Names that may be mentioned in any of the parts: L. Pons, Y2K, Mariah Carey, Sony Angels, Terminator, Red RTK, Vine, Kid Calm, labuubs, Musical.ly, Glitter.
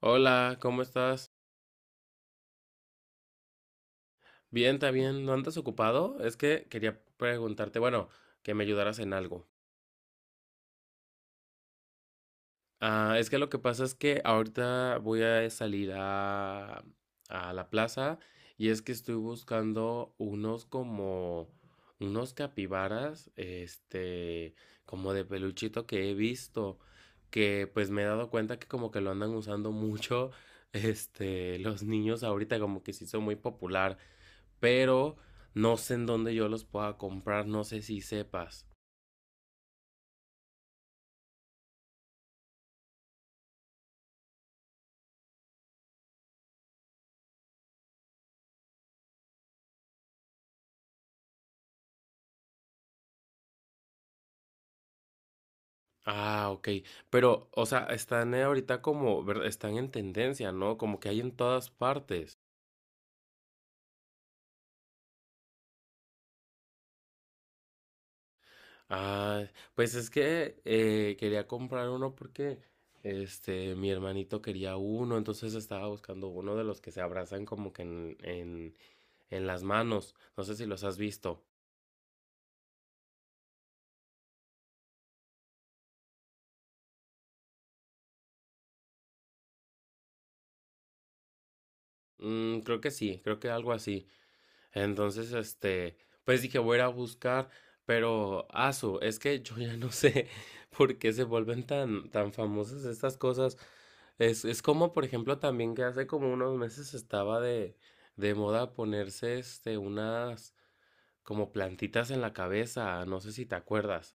Hola, ¿cómo estás? Bien, también. ¿No andas ocupado? Es que quería preguntarte, bueno, que me ayudaras en algo. Es que lo que pasa es que ahorita voy a salir a la plaza y es que estoy buscando unos capibaras, como de peluchito que he visto, que pues me he dado cuenta que como que lo andan usando mucho, los niños ahorita como que se hizo muy popular. Pero no sé en dónde yo los pueda comprar, no sé si sepas. Ah, ok. Pero, o sea, están ahorita están en tendencia, ¿no? Como que hay en todas partes. Ah, pues es que quería comprar uno porque, mi hermanito quería uno, entonces estaba buscando uno de los que se abrazan como que en las manos. No sé si los has visto. Mm, creo que sí, creo que algo así. Entonces, pues dije, voy a ir a buscar, pero asu, es que yo ya no sé por qué se vuelven tan famosas estas cosas. Es como, por ejemplo, también que hace como unos meses estaba de moda ponerse unas como plantitas en la cabeza, no sé si te acuerdas.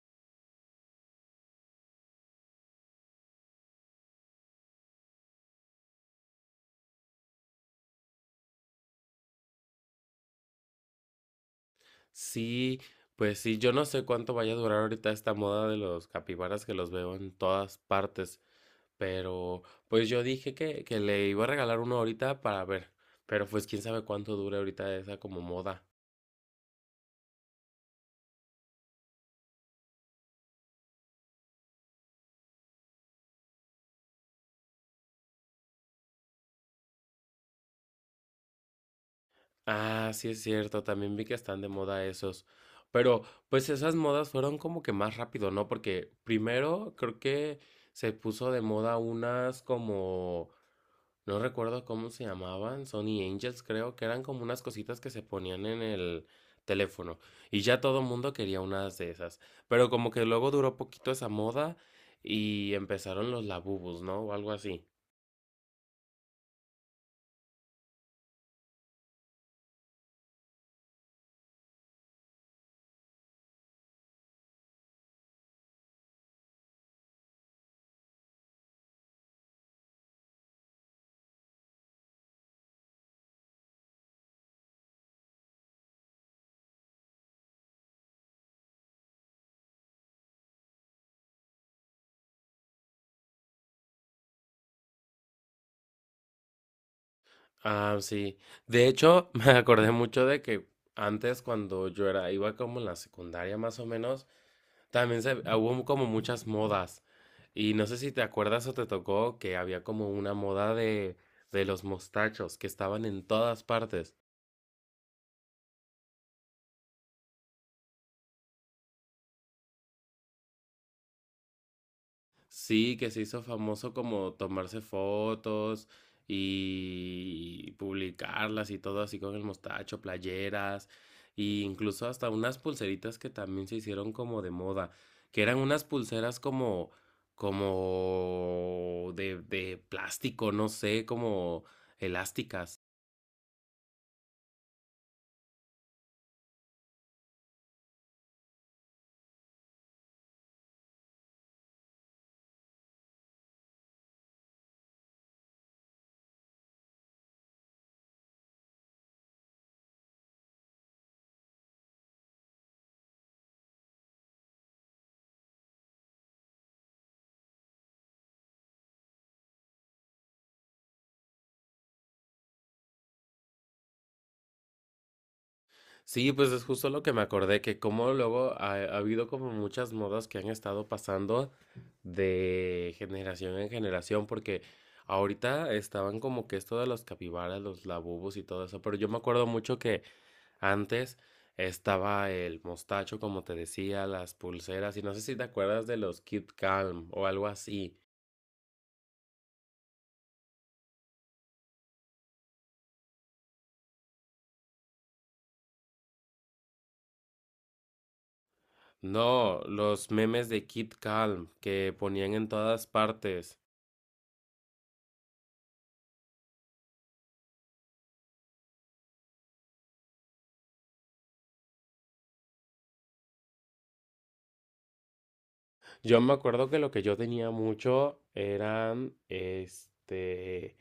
Sí, pues sí, yo no sé cuánto vaya a durar ahorita esta moda de los capibaras que los veo en todas partes. Pero pues yo dije que le iba a regalar uno ahorita para ver. Pero pues quién sabe cuánto dure ahorita esa como moda. Ah, sí es cierto, también vi que están de moda esos. Pero pues esas modas fueron como que más rápido, ¿no? Porque primero creo que se puso de moda unas como no recuerdo cómo se llamaban, Sony Angels creo, que eran como unas cositas que se ponían en el teléfono y ya todo mundo quería unas de esas, pero como que luego duró poquito esa moda y empezaron los labubus, ¿no? O algo así. Ah, sí. De hecho, me acordé mucho de que antes cuando yo era, iba como en la secundaria más o menos, también hubo como muchas modas. Y no sé si te acuerdas o te tocó que había como una moda de los mostachos que estaban en todas partes. Sí, que se hizo famoso como tomarse fotos y publicarlas y todo así con el mostacho, playeras, e incluso hasta unas pulseritas que también se hicieron como de moda, que eran unas pulseras como, como de plástico, no sé, como elásticas. Sí, pues es justo lo que me acordé, que como luego ha habido como muchas modas que han estado pasando de generación en generación, porque ahorita estaban como que esto de los capibaras, los labubos y todo eso, pero yo me acuerdo mucho que antes estaba el mostacho, como te decía, las pulseras, y no sé si te acuerdas de los Kid Calm o algo así. No, los memes de Kid Calm que ponían en todas partes. Yo me acuerdo que lo que yo tenía mucho eran,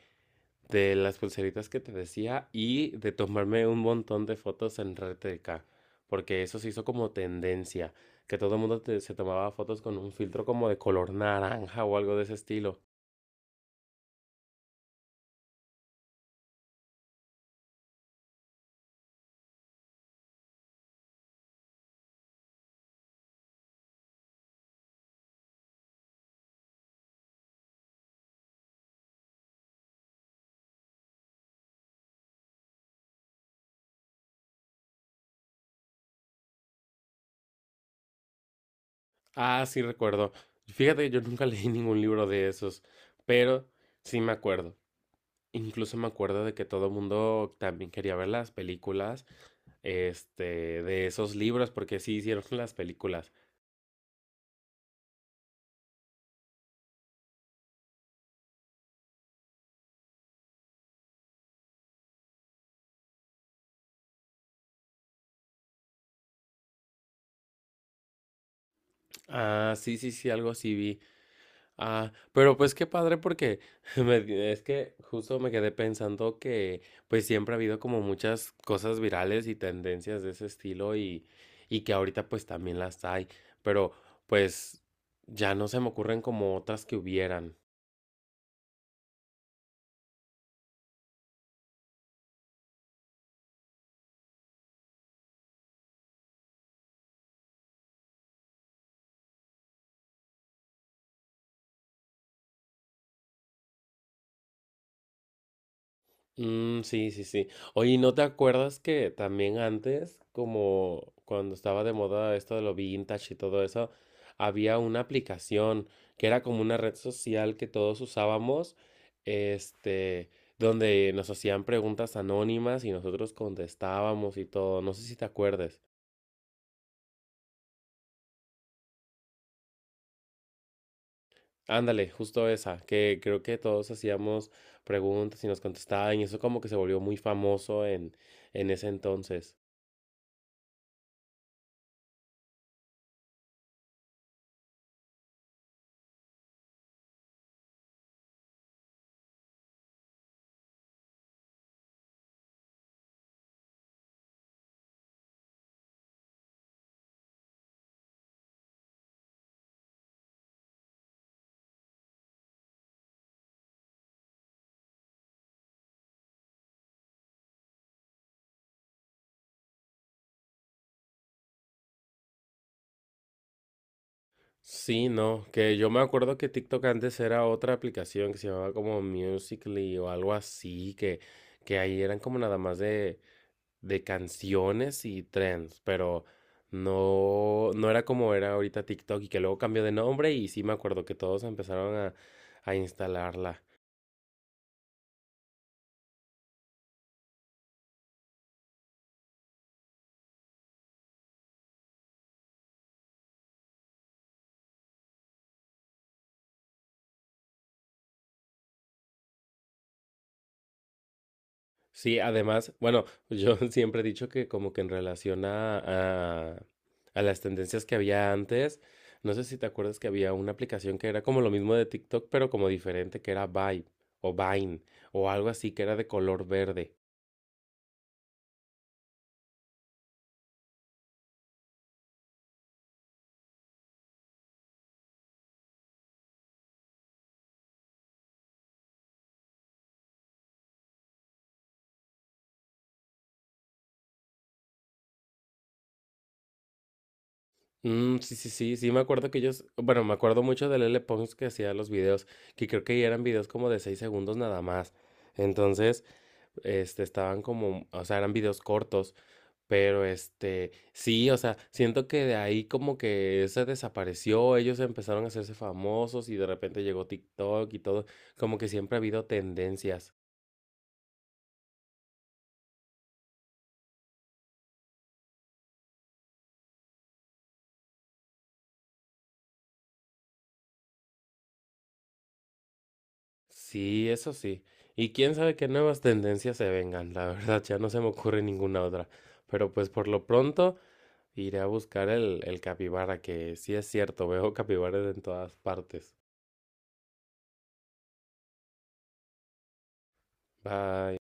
de las pulseritas que te decía y de tomarme un montón de fotos en Red RTK, porque eso se hizo como tendencia, que todo el mundo se tomaba fotos con un filtro como de color naranja o algo de ese estilo. Ah, sí recuerdo. Fíjate que yo nunca leí ningún libro de esos, pero sí me acuerdo. Incluso me acuerdo de que todo el mundo también quería ver las películas, de esos libros, porque sí hicieron las películas. Ah, sí, sí, sí, algo así vi. Ah, pero pues qué padre porque es que justo me quedé pensando que pues siempre ha habido como muchas cosas virales y tendencias de ese estilo y que ahorita pues también las hay, pero pues ya no se me ocurren como otras que hubieran. Mm, sí, sí, sí. Oye, ¿no te acuerdas que también antes, como cuando estaba de moda esto de lo vintage y todo eso, había una aplicación que era como una red social que todos usábamos, este, donde nos hacían preguntas anónimas y nosotros contestábamos y todo. No sé si te acuerdes. Ándale, justo esa, que creo que todos hacíamos preguntas y nos contestaban y eso como que se volvió muy famoso en ese entonces. Sí, no, que yo me acuerdo que TikTok antes era otra aplicación que se llamaba como Musical.ly o algo así, que ahí eran como nada más de canciones y trends, pero no era como era ahorita TikTok y que luego cambió de nombre y sí me acuerdo que todos empezaron a instalarla. Sí, además, bueno, yo siempre he dicho que como que en relación a las tendencias que había antes, no sé si te acuerdas que había una aplicación que era como lo mismo de TikTok, pero como diferente, que era Vibe o Vine o algo así que era de color verde. Mm, sí, sí, sí, sí, me acuerdo que ellos, bueno, me acuerdo mucho del L. Pons que hacía los videos, que creo que eran videos como de 6 segundos nada más. Entonces, estaban como, o sea, eran videos cortos. Pero sí, o sea, siento que de ahí como que se desapareció, ellos empezaron a hacerse famosos y de repente llegó TikTok y todo, como que siempre ha habido tendencias. Sí, eso sí. Y quién sabe qué nuevas tendencias se vengan, la verdad, ya no se me ocurre ninguna otra. Pero pues por lo pronto iré a buscar el capibara, que sí es cierto, veo capibaras en todas partes. Bye.